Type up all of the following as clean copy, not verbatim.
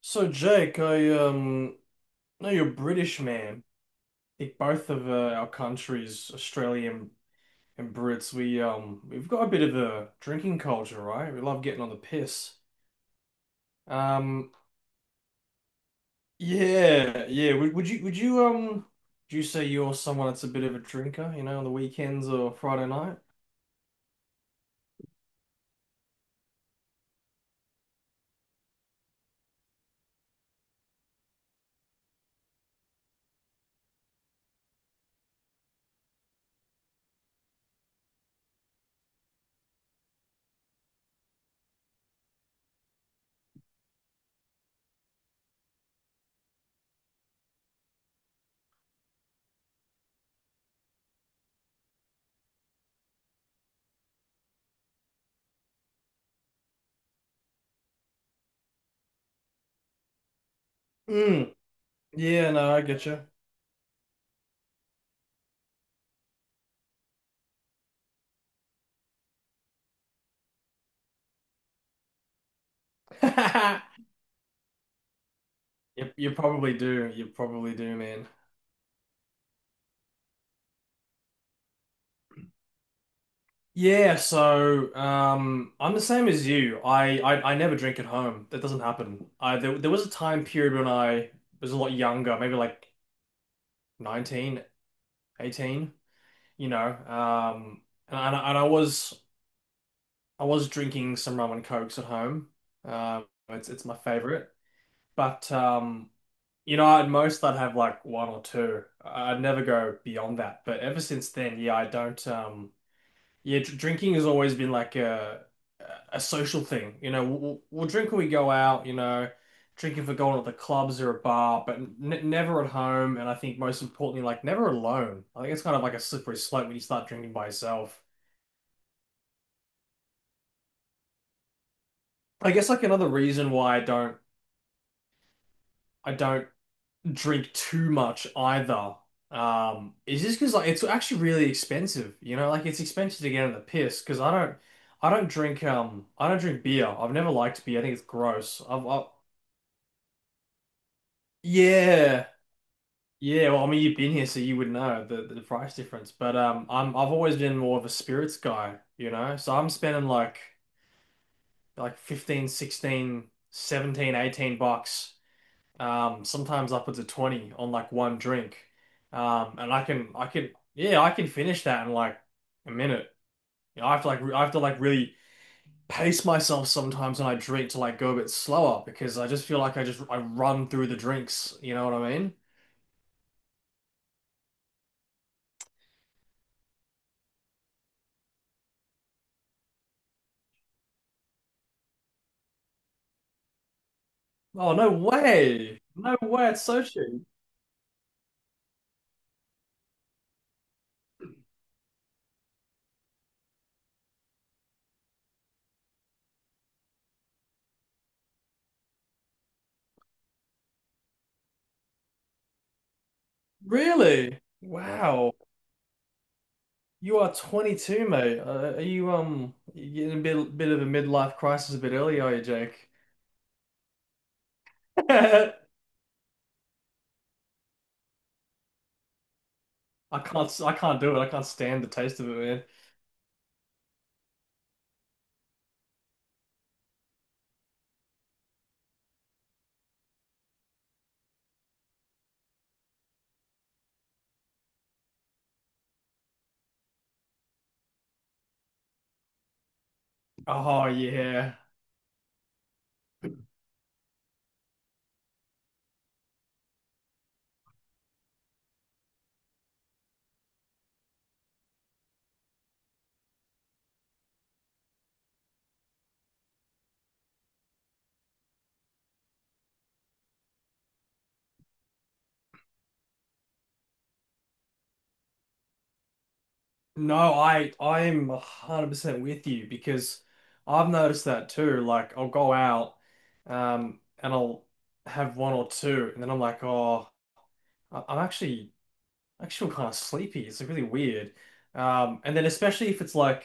So Jake, I know you're British, man. I think both of our countries, Australia and Brits, we we've got a bit of a drinking culture, right? We love getting on the piss. Um yeah, yeah. Would you do you say you're someone that's a bit of a drinker, you know, on the weekends or Friday night? Mm, yeah, no, I get you. You probably do. You probably do, man. Yeah, so I'm the same as you. I never drink at home. That doesn't happen. There was a time period when I was a lot younger, maybe like 19, 18, you know. And I was drinking some rum and cokes at home. It's my favorite. But you know, at most I'd have like one or two. I'd never go beyond that. But ever since then, yeah, I don't. Drinking has always been like a social thing. You know, we'll drink when we go out, you know, drinking for going to the clubs or a bar, but n never at home. And I think most importantly, like never alone. I think it's kind of like a slippery slope when you start drinking by yourself. I guess like another reason why I don't drink too much either. Is just because like it's actually really expensive. You know, like it's expensive to get in the piss because I don't drink I don't drink beer. I've never liked beer. I think it's gross. I've, I Yeah, yeah. Well, I mean, you've been here, so you would know the price difference. But I've always been more of a spirits guy, you know. So I'm spending like 15, 16, 17, $18, sometimes upwards of 20 on like one drink. And I can yeah, I can finish that in like a minute. You know, I have to like really pace myself sometimes when I drink to like go a bit slower because I just feel like I run through the drinks, you know what I mean? Oh, no way. No way. It's so cheap. Really? Yeah. Wow. You are 22, mate. Are you you in a bit of a midlife crisis a bit early, are you, Jake? I I can't do it. I can't stand the taste of it, man. Oh yeah. No, I I'm 100% with you because I've noticed that too. Like I'll go out and I'll have one or two and then I'm like, "Oh, I- I'm actually I just feel kind of sleepy." It's like really weird. And then especially if it's like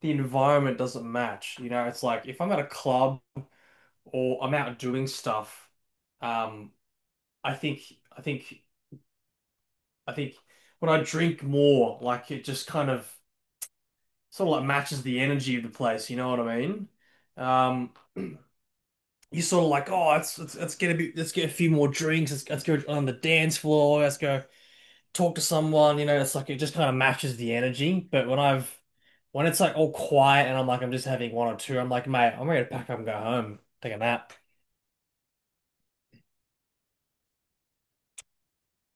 the environment doesn't match. You know, it's like if I'm at a club or I'm out doing stuff, um, I think I think I think when I drink more, like it just kind of sort of like matches the energy of the place. You know what I mean? Um, you sort of like, oh, let's get a bit, let's get a few more drinks. Let's go on the dance floor. Let's go, talk to someone, you know. It's like it just kind of matches the energy. But when I've when it's like all quiet and I'm just having one or two, I'm like, mate, I'm ready to pack up and go home, take a nap.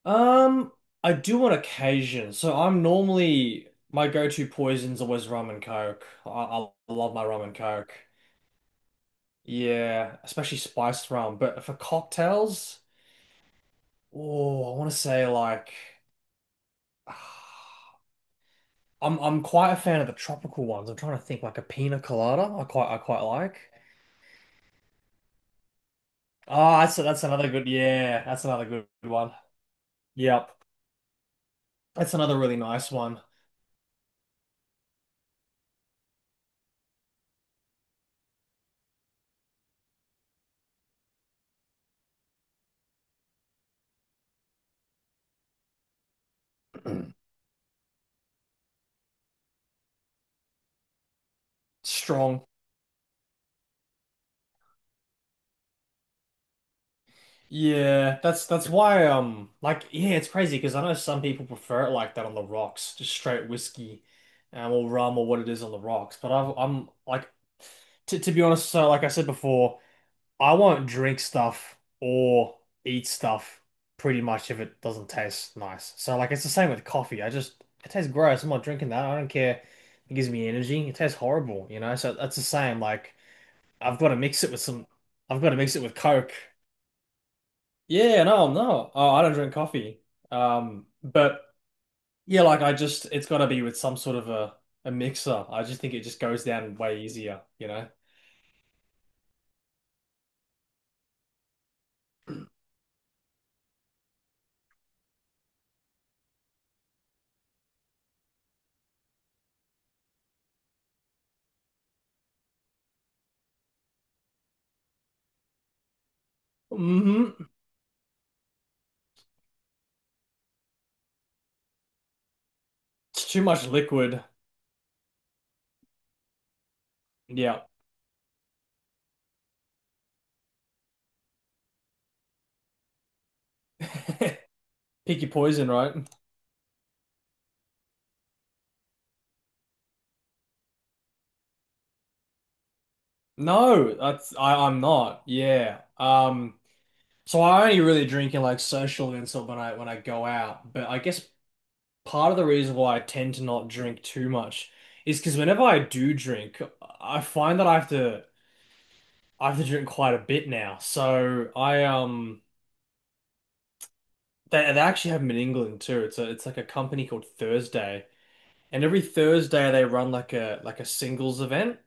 Um, I do on occasion. So I'm normally my go-to poison's always rum and coke. I love my rum and coke. Yeah, especially spiced rum. But for cocktails, oh, I want to say like I'm quite a fan of the tropical ones. I'm trying to think like a pina colada. I quite like. Oh, that's another good. Yeah, that's another good one. Yep, that's another really nice one. Strong. Yeah, that's why. Yeah, it's crazy because I know some people prefer it like that on the rocks, just straight whiskey, or rum or what it is on the rocks. But I've, I'm like, to be honest, so like I said before, I won't drink stuff or eat stuff pretty much if it doesn't taste nice. So like it's the same with coffee. I just It tastes gross. I'm not drinking that. I don't care. It gives me energy. It tastes horrible, you know? So that's the same. Like I've got to mix it with some I've got to mix it with Coke. Yeah, no, no. Oh, I don't drink coffee. But Yeah, like I just it's got to be with some sort of a mixer. I just think it just goes down way easier, you know? Hmm. It's too much liquid. Yeah. Pick your poison, right? No, that's I'm not. Yeah. So I only really drink in like social events or when I go out. But I guess part of the reason why I tend to not drink too much is because whenever I do drink, I find that I have to drink quite a bit now. So I they actually have them in England too. It's a it's like a company called Thursday. And every Thursday they run like a singles event,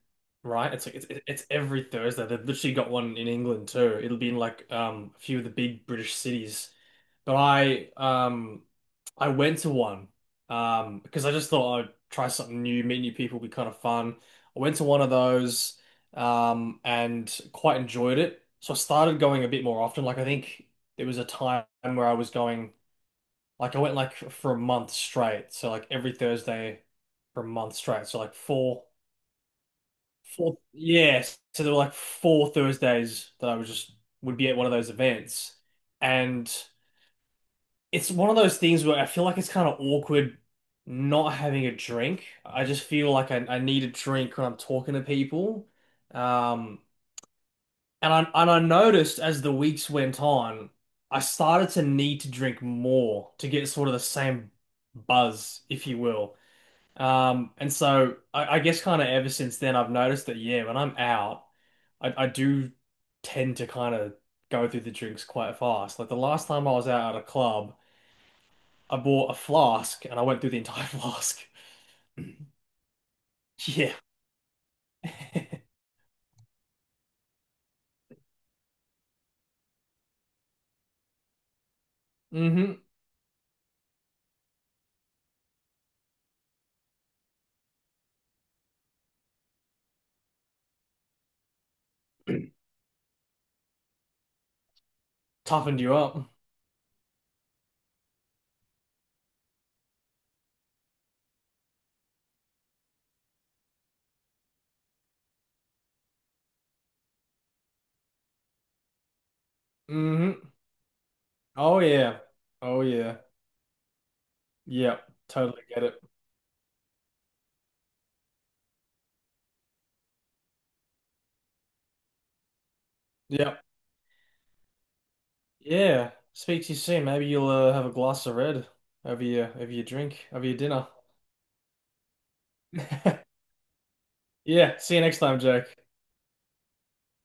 right? It's like it's every Thursday. They've literally got one in England too. It'll be in like a few of the big British cities. But I went to one because I just thought I'd try something new, meet new people, be kind of fun. I went to one of those and quite enjoyed it. So I started going a bit more often. Like I think there was a time where I was going. Like I went like for a month straight, so like every Thursday for a month straight. So like four, yeah. So there were like four Thursdays that I was just would be at one of those events, and it's one of those things where I feel like it's kind of awkward not having a drink. I just feel like I need a drink when I'm talking to people, um, and I noticed as the weeks went on, I started to need to drink more to get sort of the same buzz, if you will. And so I guess kind of ever since then, I've noticed that, yeah, when I'm out, I do tend to kind of go through the drinks quite fast. Like the last time I was out at a club, I bought a flask and I went through the entire flask. Yeah. Mm-hmm. Toughened you up. Hmm. Oh, yeah. Oh, yeah. Yeah. Totally get it. Yep. Yeah. Speak to you soon. Maybe you'll have a glass of red over your drink, over your dinner. Yeah. See you next time, Jake.